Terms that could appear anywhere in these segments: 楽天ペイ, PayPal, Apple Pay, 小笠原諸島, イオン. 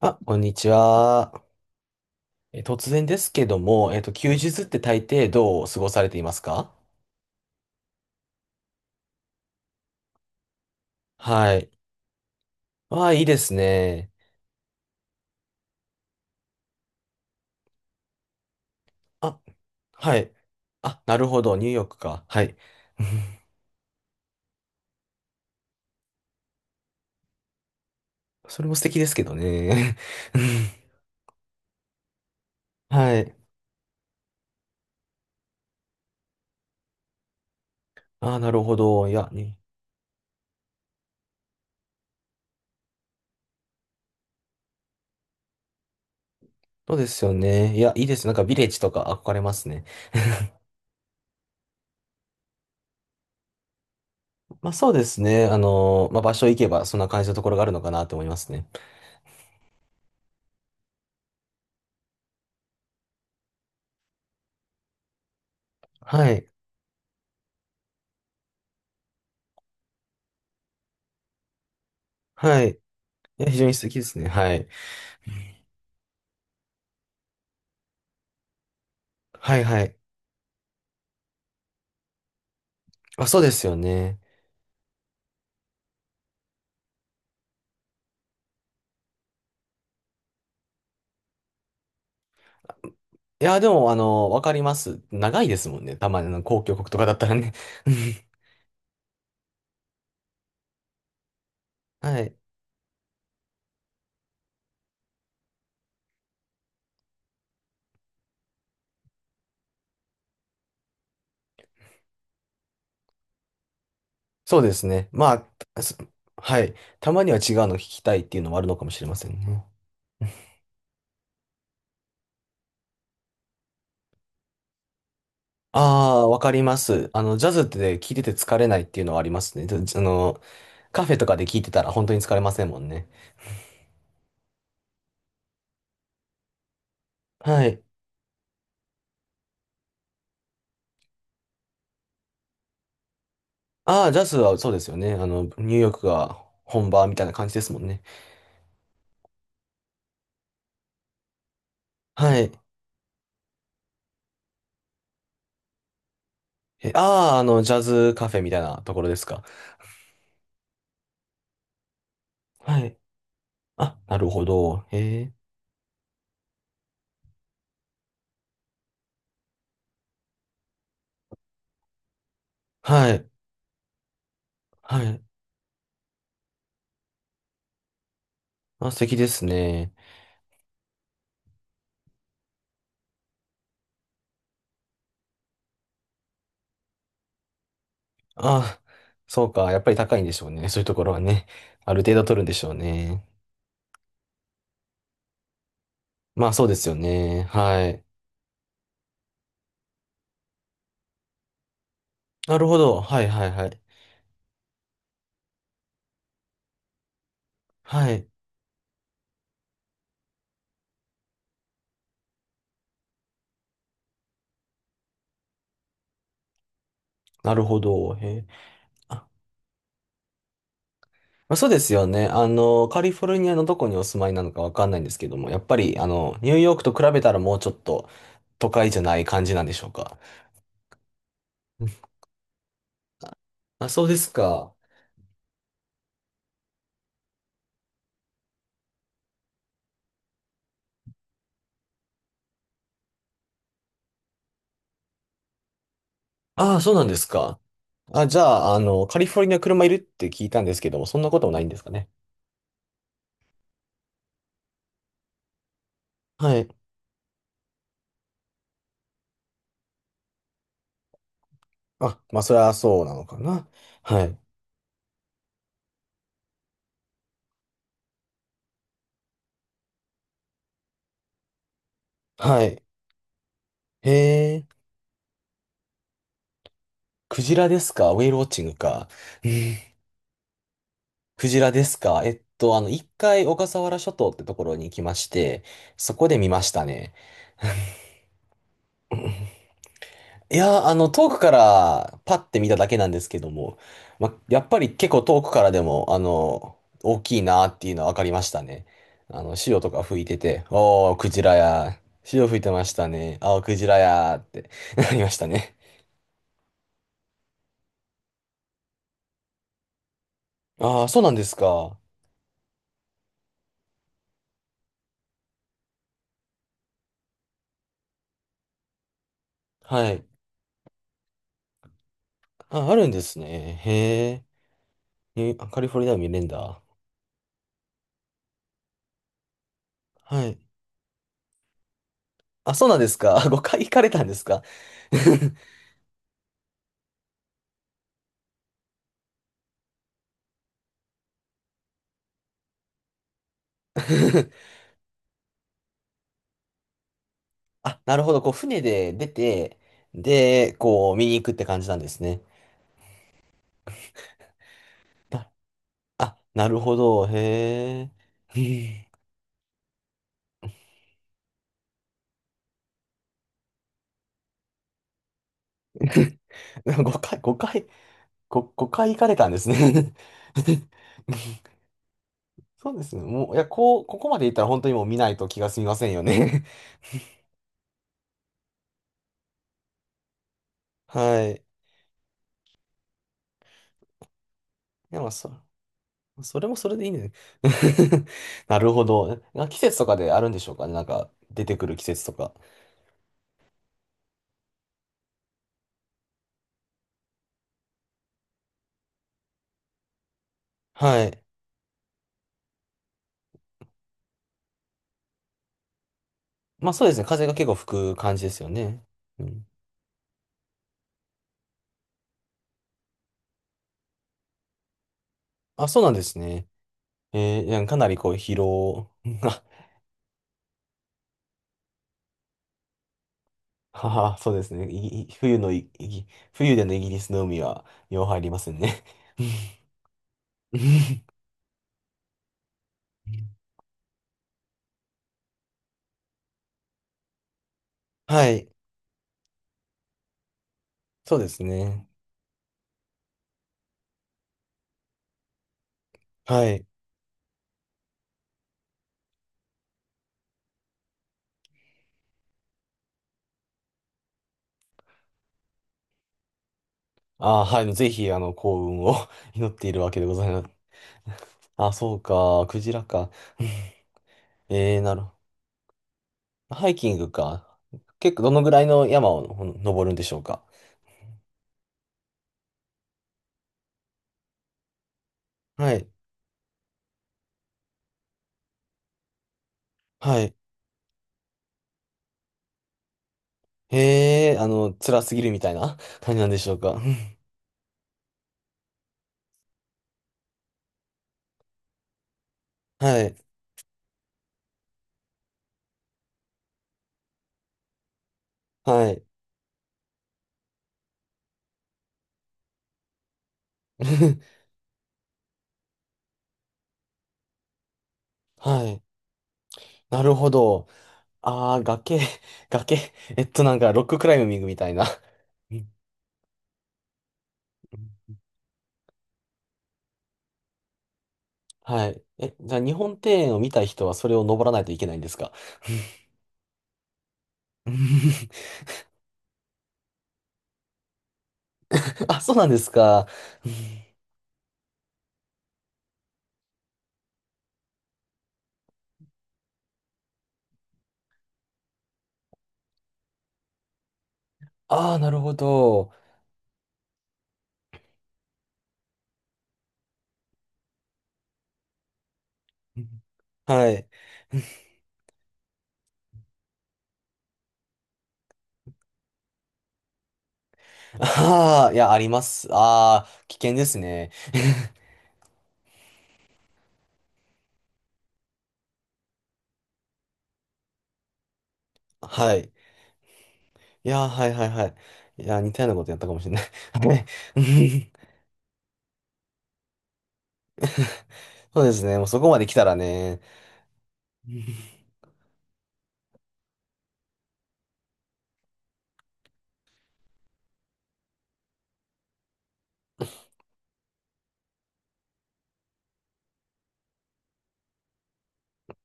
あ、こんにちは。突然ですけども、休日って大抵どう過ごされていますか？はい。わあ、いいですね。あ、はい。あ、なるほど。ニューヨークか。はい。うん。それも素敵ですけどね。うん。はい。あ、なるほど。いや、ね。そうですよね。いや、いいです。なんかビレッジとか憧れますね。まあそうですね。まあ場所行けばそんな感じのところがあるのかなと思いますね。はい。はい。いや、非常に素敵ですね。はい。はいはい。あ、そうですよね。いや、でも、わかります。長いですもんね。たまに、公共国とかだったらね。はい。そうですね。まあ、はい。たまには違うの聞きたいっていうのはあるのかもしれませんね。ああ、わかります。あの、ジャズってね聞いてて疲れないっていうのはありますね。じあの、カフェとかで聞いてたら本当に疲れませんもんね。はい。ああ、ジャズはそうですよね。あの、ニューヨークが本場みたいな感じですもんね。はい。ああ、ジャズカフェみたいなところですか？はい。あ、なるほど。へえ。はい。はい。あ、素敵ですね。あ、そうか。やっぱり高いんでしょうね。そういうところはね。ある程度取るんでしょうね。まあそうですよね。はい。なるほど。はいはいはい。はい。なるほど。へえ。あ、まあ、そうですよね。カリフォルニアのどこにお住まいなのかわかんないんですけども、やっぱり、ニューヨークと比べたらもうちょっと都会じゃない感じなんでしょうか？あ、そうですか。ああ、そうなんですか。あ、じゃあ、カリフォルニア車いるって聞いたんですけども、そんなこともないんですかね？はい。あ、まあ、それはそうなのかな。はい。はい。へえ、クジラですか？ウェイルウォッチングか。クジラですか？一回小笠原諸島ってところに行きまして、そこで見ましたね。いやー、遠くからパッて見ただけなんですけども、ま、やっぱり結構遠くからでも、大きいなっていうのは分かりましたね。潮とか吹いてて、おー、クジラや、潮吹いてましたね、あー、クジラやーって なりましたね。ああ、そうなんですか。はい。あ、あるんですね。へえ。え、カリフォルニア見れんだ。はい。あ、そうなんですか。5回行かれたんですか？あ、なるほど。こう、船で出て、で、こう、見に行くって感じなんですね。なあ、なるほど。へえ。5回、5回、ご5、回行かれたんですね。そうですね。もう、いや、こう、ここまで行ったら本当にもう見ないと気が済みませんよね。はい。でも、それもそれでいいね。なるほど。季節とかであるんでしょうかね。なんか、出てくる季節とか。はい。まあそうですね。風が結構吹く感じですよね。うん。あ、そうなんですね。なんかかなりこう疲労が、はは、そうですね。いい冬のい、い冬でのイギリスの海は、よう入りますね。はい。そうですね。はい。あ、はい。ぜひ、幸運を 祈っているわけでございます。あ、そうか。クジラか。なるほど。ハイキングか。結構、どのぐらいの山を登るんでしょうか？はい。はい。へえ、辛すぎるみたいな感じなんでしょうか？はい。はい。はい。なるほど。ああ、崖、崖。なんか、ロッククライミングみたいな。うんうん。はい。じゃあ、日本庭園を見たい人はそれを登らないといけないんですか？うん。 あ、そうなんですか。ああ、なるほど。うん。はい。ああ、いや、あります。ああ、危険ですね。はい。いや、はいはいはい。いや、似たようなことやったかもしれない。はい。うん。そうですね。もうそこまで来たらね。うん。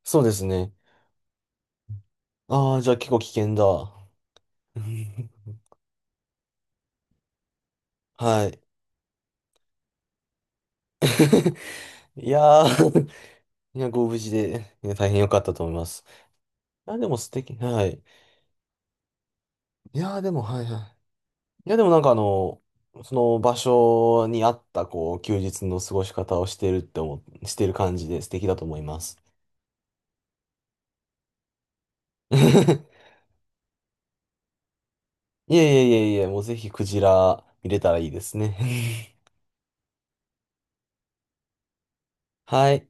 そうですね。ああ、じゃあ結構危険だ。うん。はい。いやー、いや、ご無事で、いや、大変良かったと思います。いや、でも素敵、はい。いやー、でも、はいはい。いや、でもなんかその場所に合った、こう、休日の過ごし方をしてるって思っ、してる感じで素敵だと思います。いえいえいえいえ、もうぜひクジラ見れたらいいですね。はい。